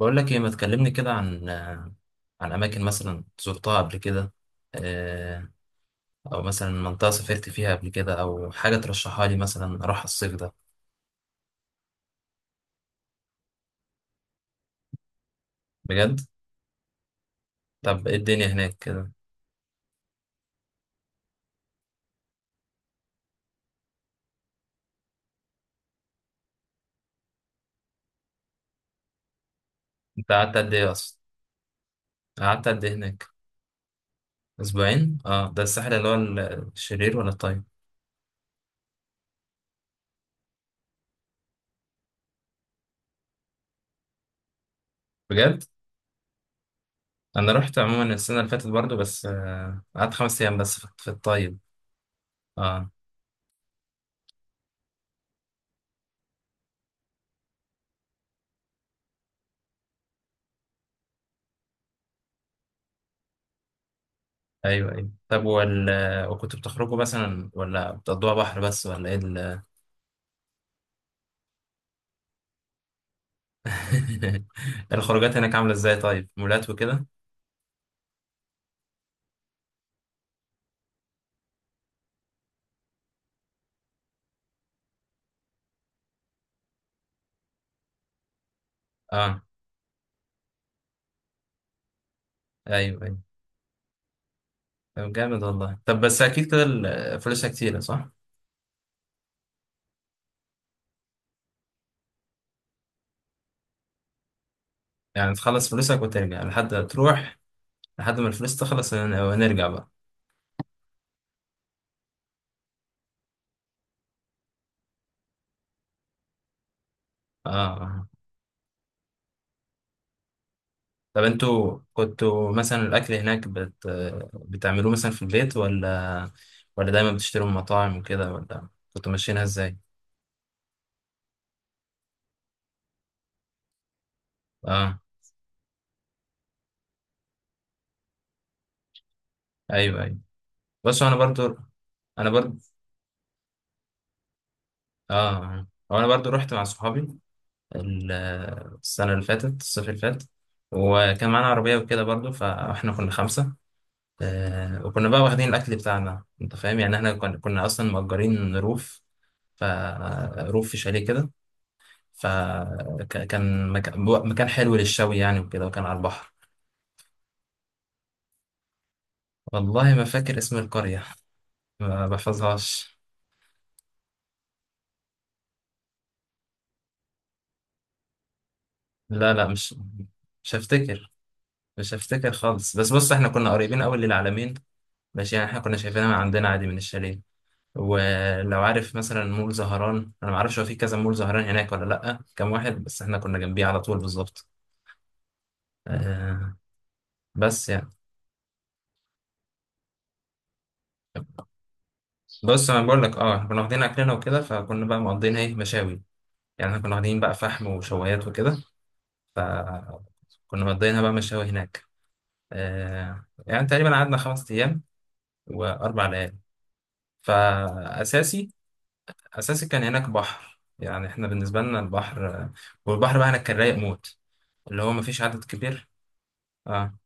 بقول لك ايه؟ ما تكلمني كده عن اماكن مثلا زرتها قبل كده. آه، او مثلا منطقه سافرت فيها قبل كده او حاجه ترشحها لي مثلا اروح الصيف ده. بجد؟ طب ايه الدنيا هناك كده؟ انت قعدت قد ايه اصلا؟ قعدت قد ايه هناك؟ اسبوعين؟ اه، ده الساحل اللي هو الشرير ولا الطيب؟ بجد؟ انا رحت عموما السنه اللي فاتت برضو بس، قعدت 5 ايام بس في الطيب. اه. ايوه، ايوه. طب وكنت بتخرجوا مثلا ولا بتقضوها بحر بس ولا ايه؟ الخروجات هناك عاملة ازاي؟ طيب، مولات وكده؟ اه. ايوه، ايوه. طب جامد والله. طب بس اكيد كده فلوسها كتيرة، صح؟ يعني تخلص فلوسك وترجع لحد تروح، لحد ما الفلوس تخلص ونرجع بقى. اه، آه. طب انتوا كنتوا مثلا الاكل هناك بتعملوه مثلا في البيت، ولا دايما بتشتروا من مطاعم وكده؟ ولا كنتوا ماشيينها ازاي؟ اه. ايوه، ايوه. بصوا انا برضو، انا برضو. اه، هو انا برضو رحت مع صحابي، ال- السنة اللي فاتت، الصيف اللي فات، وكان معانا عربية وكده برضو، فاحنا كنا خمسة. وكنا بقى واخدين الأكل بتاعنا، أنت فاهم يعني. احنا كنا أصلا مأجرين روف، فروف في شاليه كده. فكان مكان مكان حلو للشوي يعني وكده، وكان على البحر. والله ما فاكر اسم القرية، ما بحفظهاش. لا، لا، مش، مش هفتكر. مش هفتكر خالص، بس بص احنا كنا قريبين قوي للعلمين، ماشي؟ يعني احنا كنا شايفينها من عندنا عادي من الشاليه. ولو عارف مثلا مول زهران، انا ما اعرفش هو في كذا مول زهران هناك ولا لا، كام واحد، بس احنا كنا جنبيه على طول بالظبط. آه. بس يعني، بص انا بقول لك، اه، إحنا كنا واخدين اكلنا وكده، فكنا بقى مقضيين ايه، مشاوي. يعني احنا كنا واخدين بقى فحم وشوايات وكده، فكنا مقضيينها بقى مشاوي هناك. يعني تقريبا قعدنا 5 ايام و4 ليالي. فاساسي، اساسي كان هناك بحر، يعني احنا بالنسبه لنا البحر، والبحر بقى هناك كان رايق موت، اللي هو مفيش عدد كبير. اه،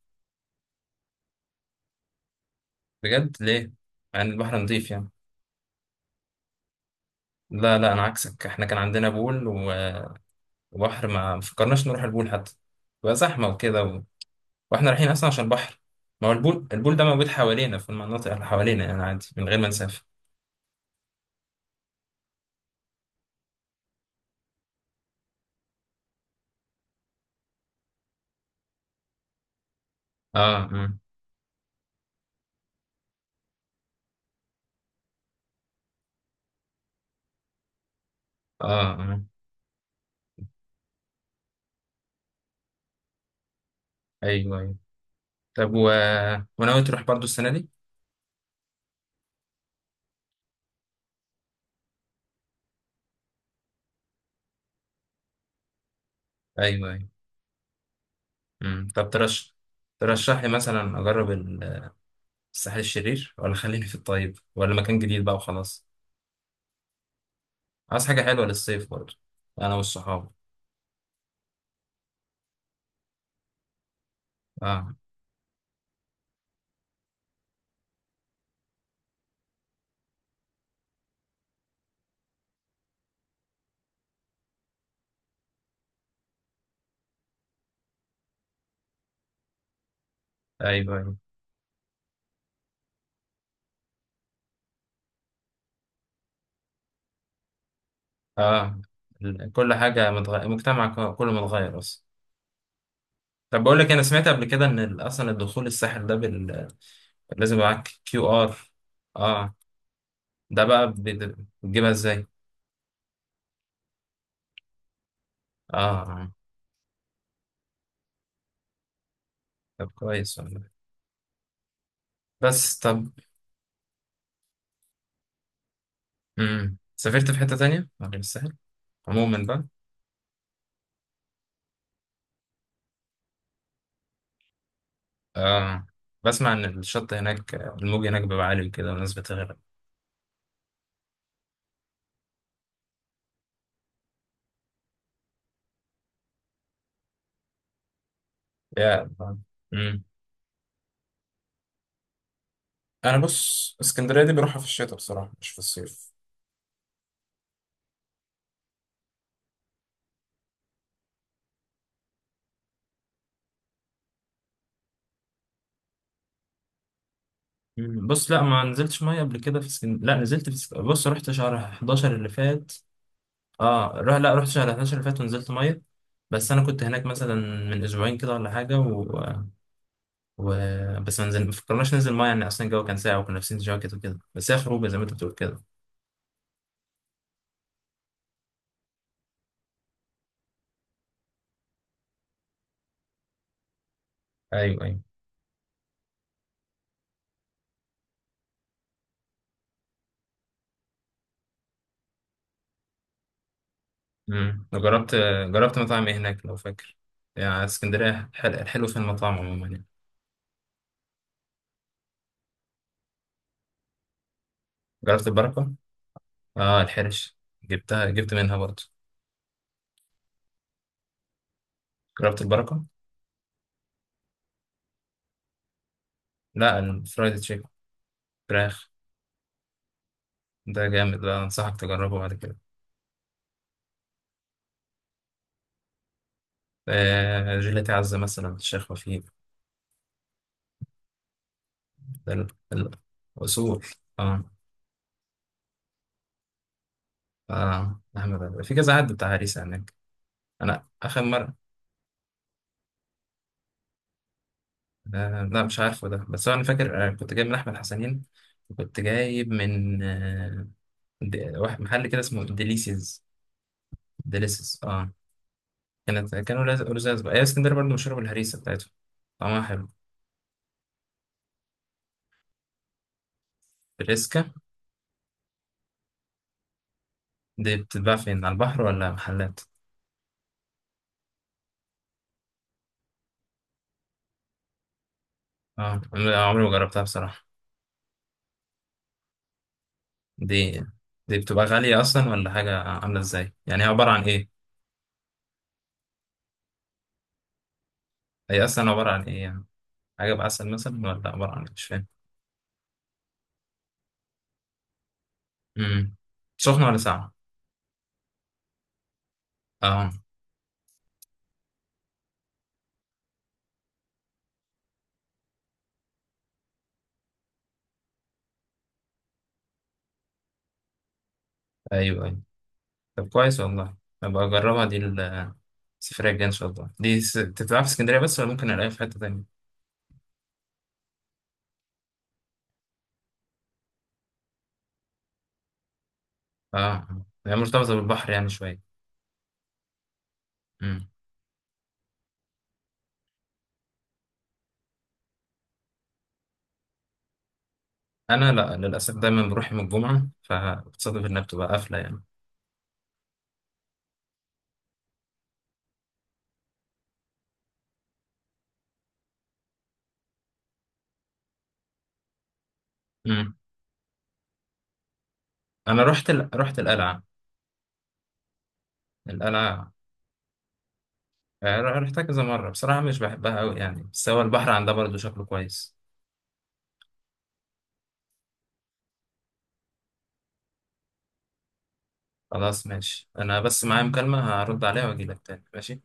بجد؟ ليه؟ مع ان البحر نضيف يعني. لا، لا، انا عكسك، احنا كان عندنا بول وبحر، ما فكرناش نروح البول حتى، بقى زحمه وكده واحنا رايحين اصلا عشان بحر. ما هو البول البول ده موجود حوالينا في المناطق اللي حوالينا يعني، عادي من غير ما نسافر. اه، اه، اه، آه. ايوه، ايوه. طب وناوي تروح برضو السنه دي؟ ايوه، ايوه. مم. طب ترشح لي مثلا اجرب الساحل الشرير، ولا خليني في الطيب، ولا مكان جديد بقى وخلاص؟ عايز حاجه حلوه للصيف برضو، انا والصحاب. اه. ايوه، ايوه. اه، كل حاجه متغير، المجتمع كله متغير اصلا. طب بقول لك انا سمعت قبل كده ان اصلا الدخول الساحل ده لازم يبقى معاك QR. اه. ده بقى بتجيبها ازاي؟ اه، آه. طب كويس والله. بس طب، سافرت في حته تانية غير الساحل عموما بقى؟ اه، بسمع ان الشط هناك، الموج هناك بيبقى عالي وكده والناس بتغرق. يا الله. امم. انا بص، اسكندريه دي بروحها في الشتاء بصراحه مش في الصيف. مم. بص، لا، ما نزلتش ميه قبل كده في لا، نزلت في بص رحت شهر 11 اللي فات، لا، رحت شهر 11 اللي فات ونزلت ميه. بس انا كنت هناك مثلا من اسبوعين كده ولا حاجه و... بس ما فكرناش ننزل ميه، يعني اصلا الجو كان ساقع وكنا لابسين جواكت وكده، بس هي خروجه زي ما انت بتقول كده. ايوه، ايوه. جربت، جربت مطاعم ايه هناك لو فاكر؟ يعني اسكندريه الحلو في المطاعم عموما يعني. جربت البركه؟ اه، الحرش. جبت منها برضه. جربت البركه؟ لا، الفرايد تشيكن، فراخ. ده جامد ده، أنصحك تجربه بعد كده. جيلاتي عزة مثلا، الشيخ وفيق. ده ال- الأصول. آه. أحمد في كذا حد بتاع هريسة هناك. أنا آخر مرة، لا مش عارفه ده، بس أنا فاكر، كنت جايب من أحمد حسنين، وكنت جايب من واحد محل كده اسمه ديليسيز. ديليسيز، آه. كانوا لزاز بقى. هي اسكندرية برضه مشهورة بالهريسة بتاعتهم، طعمها حلو. الريسكا دي بتتباع فين، على البحر ولا محلات؟ اه، أنا عمري ما جربتها بصراحة. دي دي بتبقى غالية أصلا ولا حاجة، عاملة إزاي؟ يعني هي عبارة عن إيه؟ هي أصلا عبارة عن إيه يعني؟ حاجة بعسل مثلا ولا عبارة عن إيه؟ مش فاهم. امم سخنة ولا ساقعة؟ أه. أيوه، أيوه. طب كويس والله، أبقى أجربها دي. السفرية الجاية إن شاء الله، دي تتلعب في اسكندرية بس ولا ممكن ألاقيها في حتة تانية؟ أه، هي مرتبطة بالبحر يعني شوية. امم أنا لأ، للأسف دايما بروح يوم الجمعة، فبتصادف إنها بتبقى قافلة يعني. امم أنا رحت رحت القلعة. القلعة، رحتها كذا مرة بصراحة، مش بحبها أوي يعني، بس هو البحر عندها برضه شكله كويس. خلاص ماشي، أنا بس معايا مكالمة هرد عليها وأجيلك تاني، ماشي؟